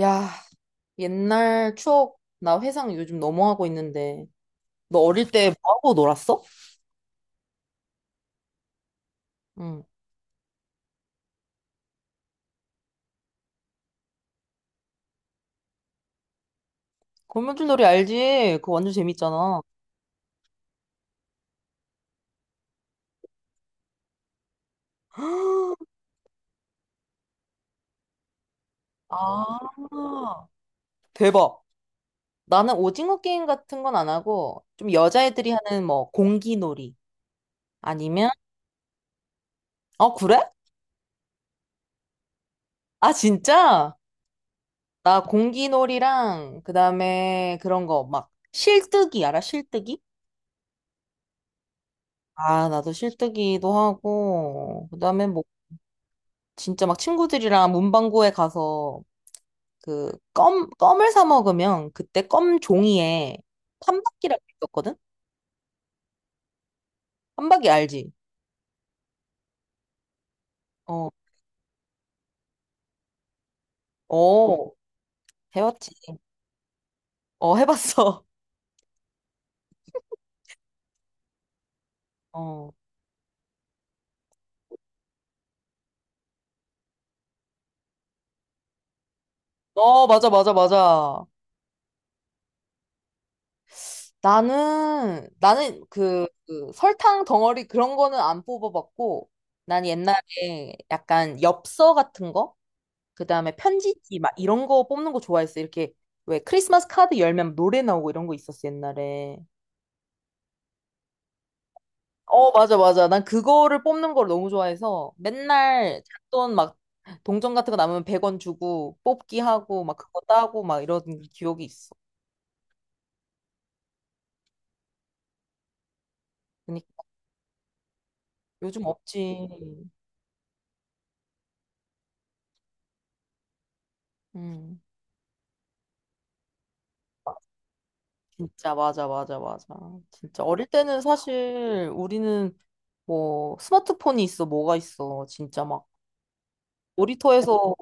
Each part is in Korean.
야, 옛날 추억, 나 회상 요즘 너무 하고 있는데. 너 어릴 때 뭐 하고 놀았어? 응. 거미줄 놀이 알지? 그거 완전 재밌잖아. 아, 대박. 나는 오징어 게임 같은 건 안 하고, 좀 여자애들이 하는 뭐, 공기놀이. 아니면, 어, 그래? 아, 진짜? 나 공기놀이랑, 그 다음에 그런 거, 막, 실뜨기, 알아? 실뜨기? 아, 나도 실뜨기도 하고, 그 다음에 뭐, 진짜 막 친구들이랑 문방구에 가서 그 껌, 껌을 사 먹으면 그때 껌 종이에 판박기라고 있었거든? 판박기 알지? 어, 어, 해봤지. 어, 해봤어. 어, 어, 맞아, 맞아, 맞아. 나는 그 설탕 덩어리 그런 거는 안 뽑아봤고, 난 옛날에 약간 엽서 같은 거? 그 다음에 편지지 막 이런 거 뽑는 거 좋아했어. 이렇게 왜 크리스마스 카드 열면 노래 나오고 이런 거 있었어, 옛날에. 어, 맞아, 맞아. 난 그거를 뽑는 걸 너무 좋아해서 맨날 잔돈 막 동전 같은 거 남으면 100원 주고 뽑기 하고 막 그거 따고 막 이런 기억이 있어. 그러니까 요즘 없지. 음, 진짜 맞아, 맞아, 맞아. 진짜 어릴 때는 사실 우리는 뭐 스마트폰이 있어, 뭐가 있어. 진짜 막 놀이터에서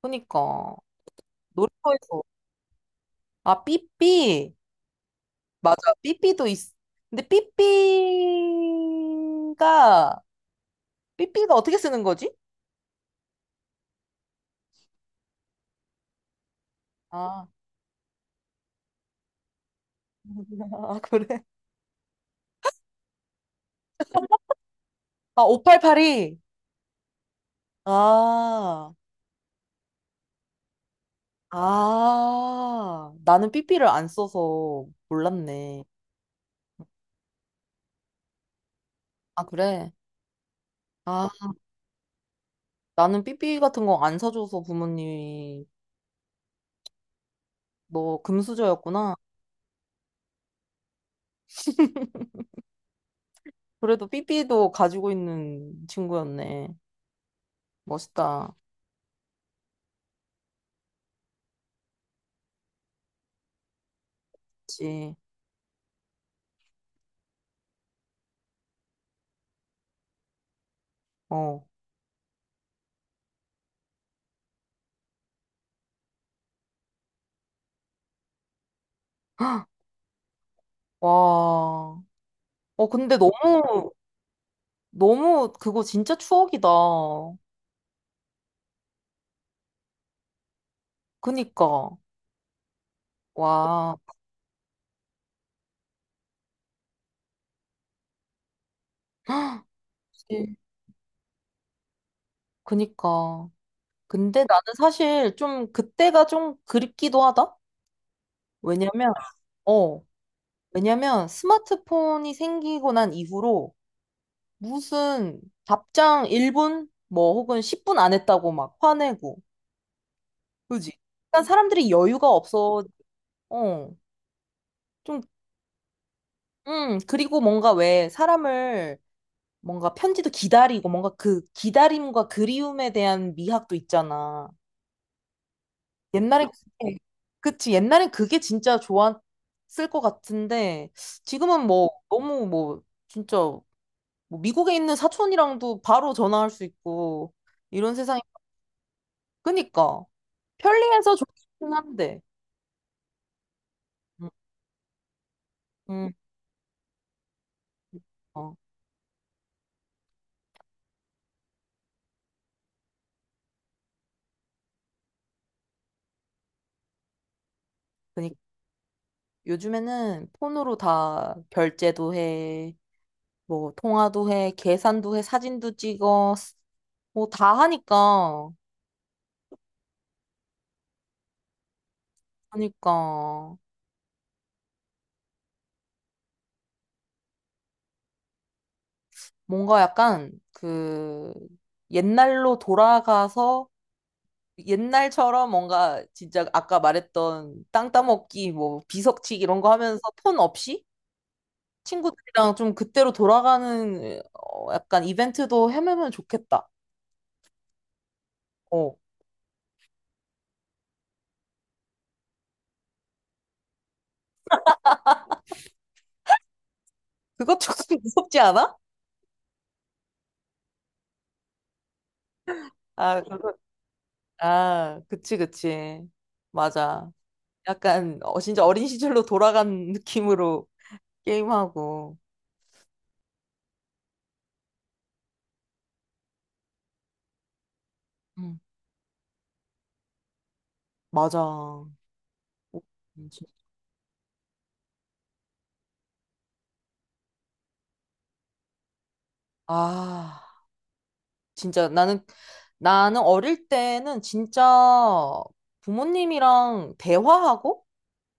그러니까 놀이터에서 아, 삐삐. 맞아. 삐삐도 있어. 근데 삐삐가 어떻게 쓰는 거지? 아, 아 그래. 아, 588이. 아, 아. 나는 삐삐를 안 써서 몰랐네. 아, 그래? 아, 나는 삐삐 같은 거 안 사줘서 부모님이 너 금수저였구나. 그래도 삐삐도 가지고 있는 친구였네. 멋있다. 그치. 어. 헉, 와. 어, 근데 너무, 너무 그거 진짜 추억이다. 그니까. 와. 그치. 그니까. 근데 나는 사실 좀 그때가 좀 그립기도 하다? 왜냐면, 어, 왜냐면 스마트폰이 생기고 난 이후로 무슨 답장 1분, 뭐 혹은 10분 안 했다고 막 화내고, 그지? 약간 사람들이 여유가 없어, 어, 좀, 그리고 뭔가 왜 사람을 뭔가 편지도 기다리고 뭔가 그 기다림과 그리움에 대한 미학도 있잖아. 옛날엔 그게- 그치 옛날엔 그게 진짜 좋았을 것 같은데 지금은 뭐 너무 뭐 진짜 뭐 미국에 있는 사촌이랑도 바로 전화할 수 있고 이런 세상이 그니까 편리해서 좋긴 한데 음, 음, 어, 그니까 요즘에는 폰으로 다 결제도 해 뭐 통화도 해 계산도 해 사진도 찍어 뭐 다 하니까 그니까 뭔가 약간 그 옛날로 돌아가서 옛날처럼 뭔가 진짜 아까 말했던 땅 따먹기 뭐 비석치기 이런 거 하면서 폰 없이 친구들이랑 좀 그때로 돌아가는 어, 약간 이벤트도 해매면 좋겠다. 어. 그거 조금 무섭지 않아? 아, 그거, 아, 그치, 그치. 맞아. 약간 어, 진짜 어린 시절로 돌아간 느낌으로 게임하고. 음, 맞아. 오, 진짜. 아. 진짜 나는 어릴 때는 진짜 부모님이랑 대화하고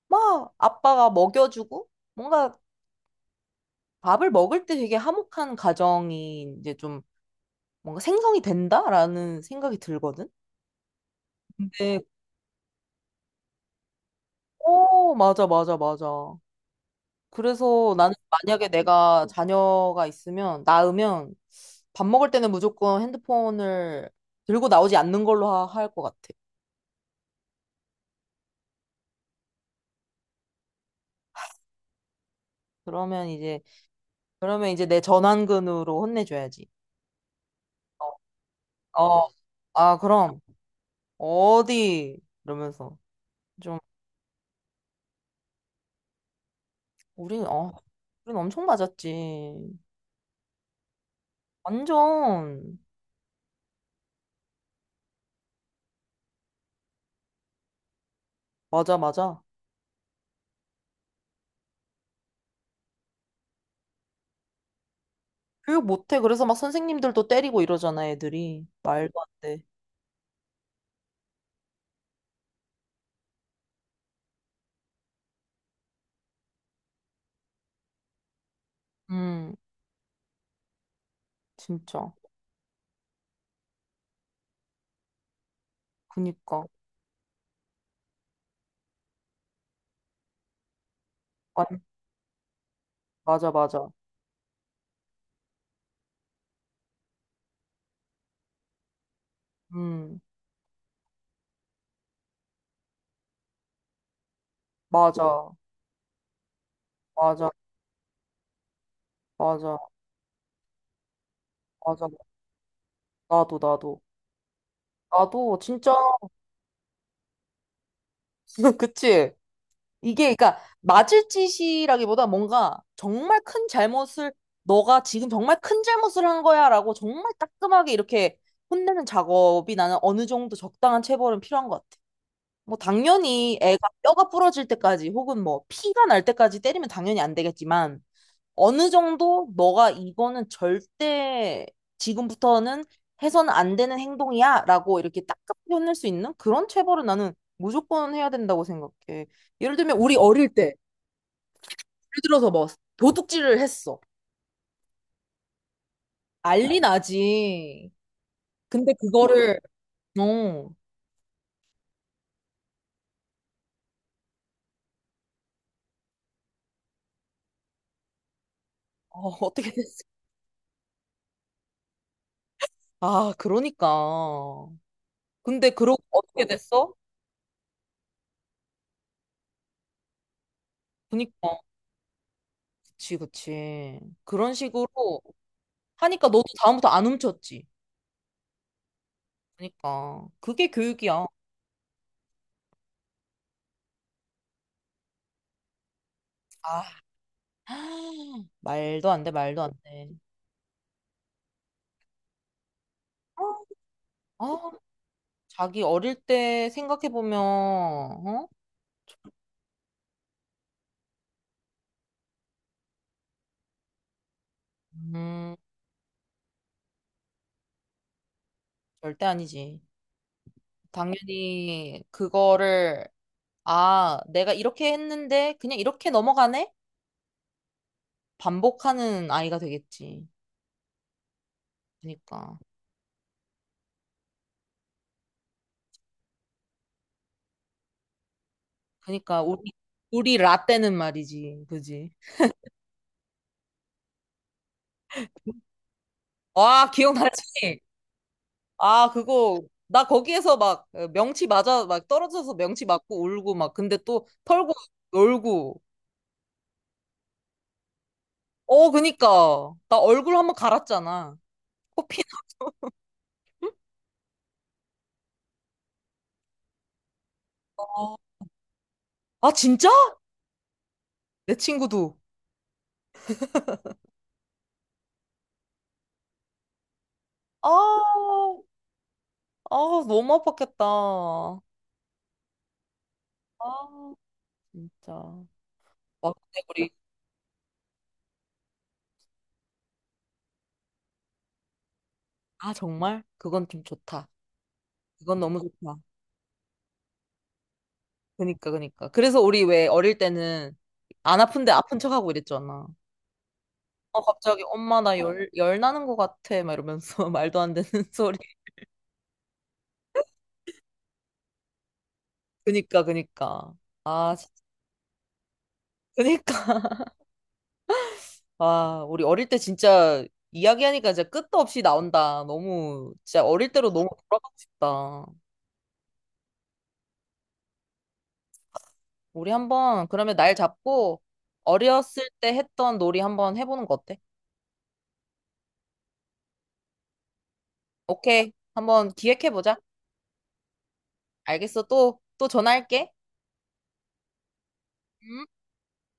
막 아빠가 먹여주고 뭔가 밥을 먹을 때 되게 화목한 가정이 이제 좀 뭔가 생성이 된다라는 생각이 들거든. 근데 어 맞아 맞아 맞아. 그래서 나는 만약에 내가 자녀가 있으면 낳으면 밥 먹을 때는 무조건 핸드폰을 들고 나오지 않는 걸로 할 것 같아. 그러면 이제 그러면 이제 내 전완근으로 혼내줘야지. 어, 어, 아, 그럼, 어디? 이러면서. 좀, 우린, 어, 우린 엄청 맞았지. 완전, 맞아, 맞아. 교육 못해. 그래서 막 선생님들도 때리고 이러잖아, 애들이. 말도 안 돼. 음, 진짜. 그니까. 완- 맞아, 맞아. 음, 맞아, 맞아, 맞아, 맞아. 나도, 나도. 나도, 진짜. 그치? 이게 그러니까 맞을 짓이라기보다 뭔가 정말 큰 잘못을 너가 지금 정말 큰 잘못을 한 거야라고 정말 따끔하게 이렇게 혼내는 작업이 나는 어느 정도 적당한 체벌은 필요한 것 같아. 뭐 당연히 애가 뼈가 부러질 때까지 혹은 뭐 피가 날 때까지 때리면 당연히 안 되겠지만 어느 정도 너가 이거는 절대 지금부터는 해서는 안 되는 행동이야 라고 이렇게 딱게현낼수 있는 그런 체벌은 나는 무조건 해야 된다고 생각해. 예를 들면 우리 어릴 때 예를 들어서 뭐 도둑질을 했어. 난리 나지. 근데 그거를 어, 어 어떻게 됐어? 아 그러니까. 근데 그러고 어떻게 됐어? 그니까 그치 그치. 그런 식으로 하니까 너도 다음부터 안 훔쳤지. 그러니까 그게 교육이야. 아, 말도 안 돼, 말도 안 돼. 어, 자기 어릴 때 생각해 보면, 어? 음, 절대 아니지. 당연히 그거를 아, 내가 이렇게 했는데 그냥 이렇게 넘어가네? 반복하는 아이가 되겠지. 그러니까, 그러니까 우리 라떼는 말이지, 그지? 와, 기억나지? 아, 그거, 나 거기에서 막 어, 명치 맞아, 막 떨어져서 명치 맞고 울고 막, 근데 또 털고 놀고. 어, 그니까. 나 얼굴 한번 갈았잖아. 코피 나. 아, 진짜? 내 친구도. 아, 아, 너무 아팠겠다. 아, 진짜. 와, 근데 우리, 아, 정말? 그건 좀 좋다. 그건 너무 좋다. 그니까, 그니까. 그래서 우리 왜 어릴 때는 안 아픈데 아픈 척하고 이랬잖아. 어, 갑자기 엄마 나 열, 열 나는 것 같아 막 이러면서 말도 안 되는 소리. 그니까 그니까. 아 진짜 그니까. 와 우리 어릴 때 진짜 이야기하니까 진짜 끝도 없이 나온다. 너무 진짜 어릴 때로 너무 돌아가고 싶다. 우리 한번 그러면 날 잡고 어렸을 때 했던 놀이 한번 해보는 거 어때? 오케이 한번 기획해보자. 알겠어 또 또 전화할게. 음.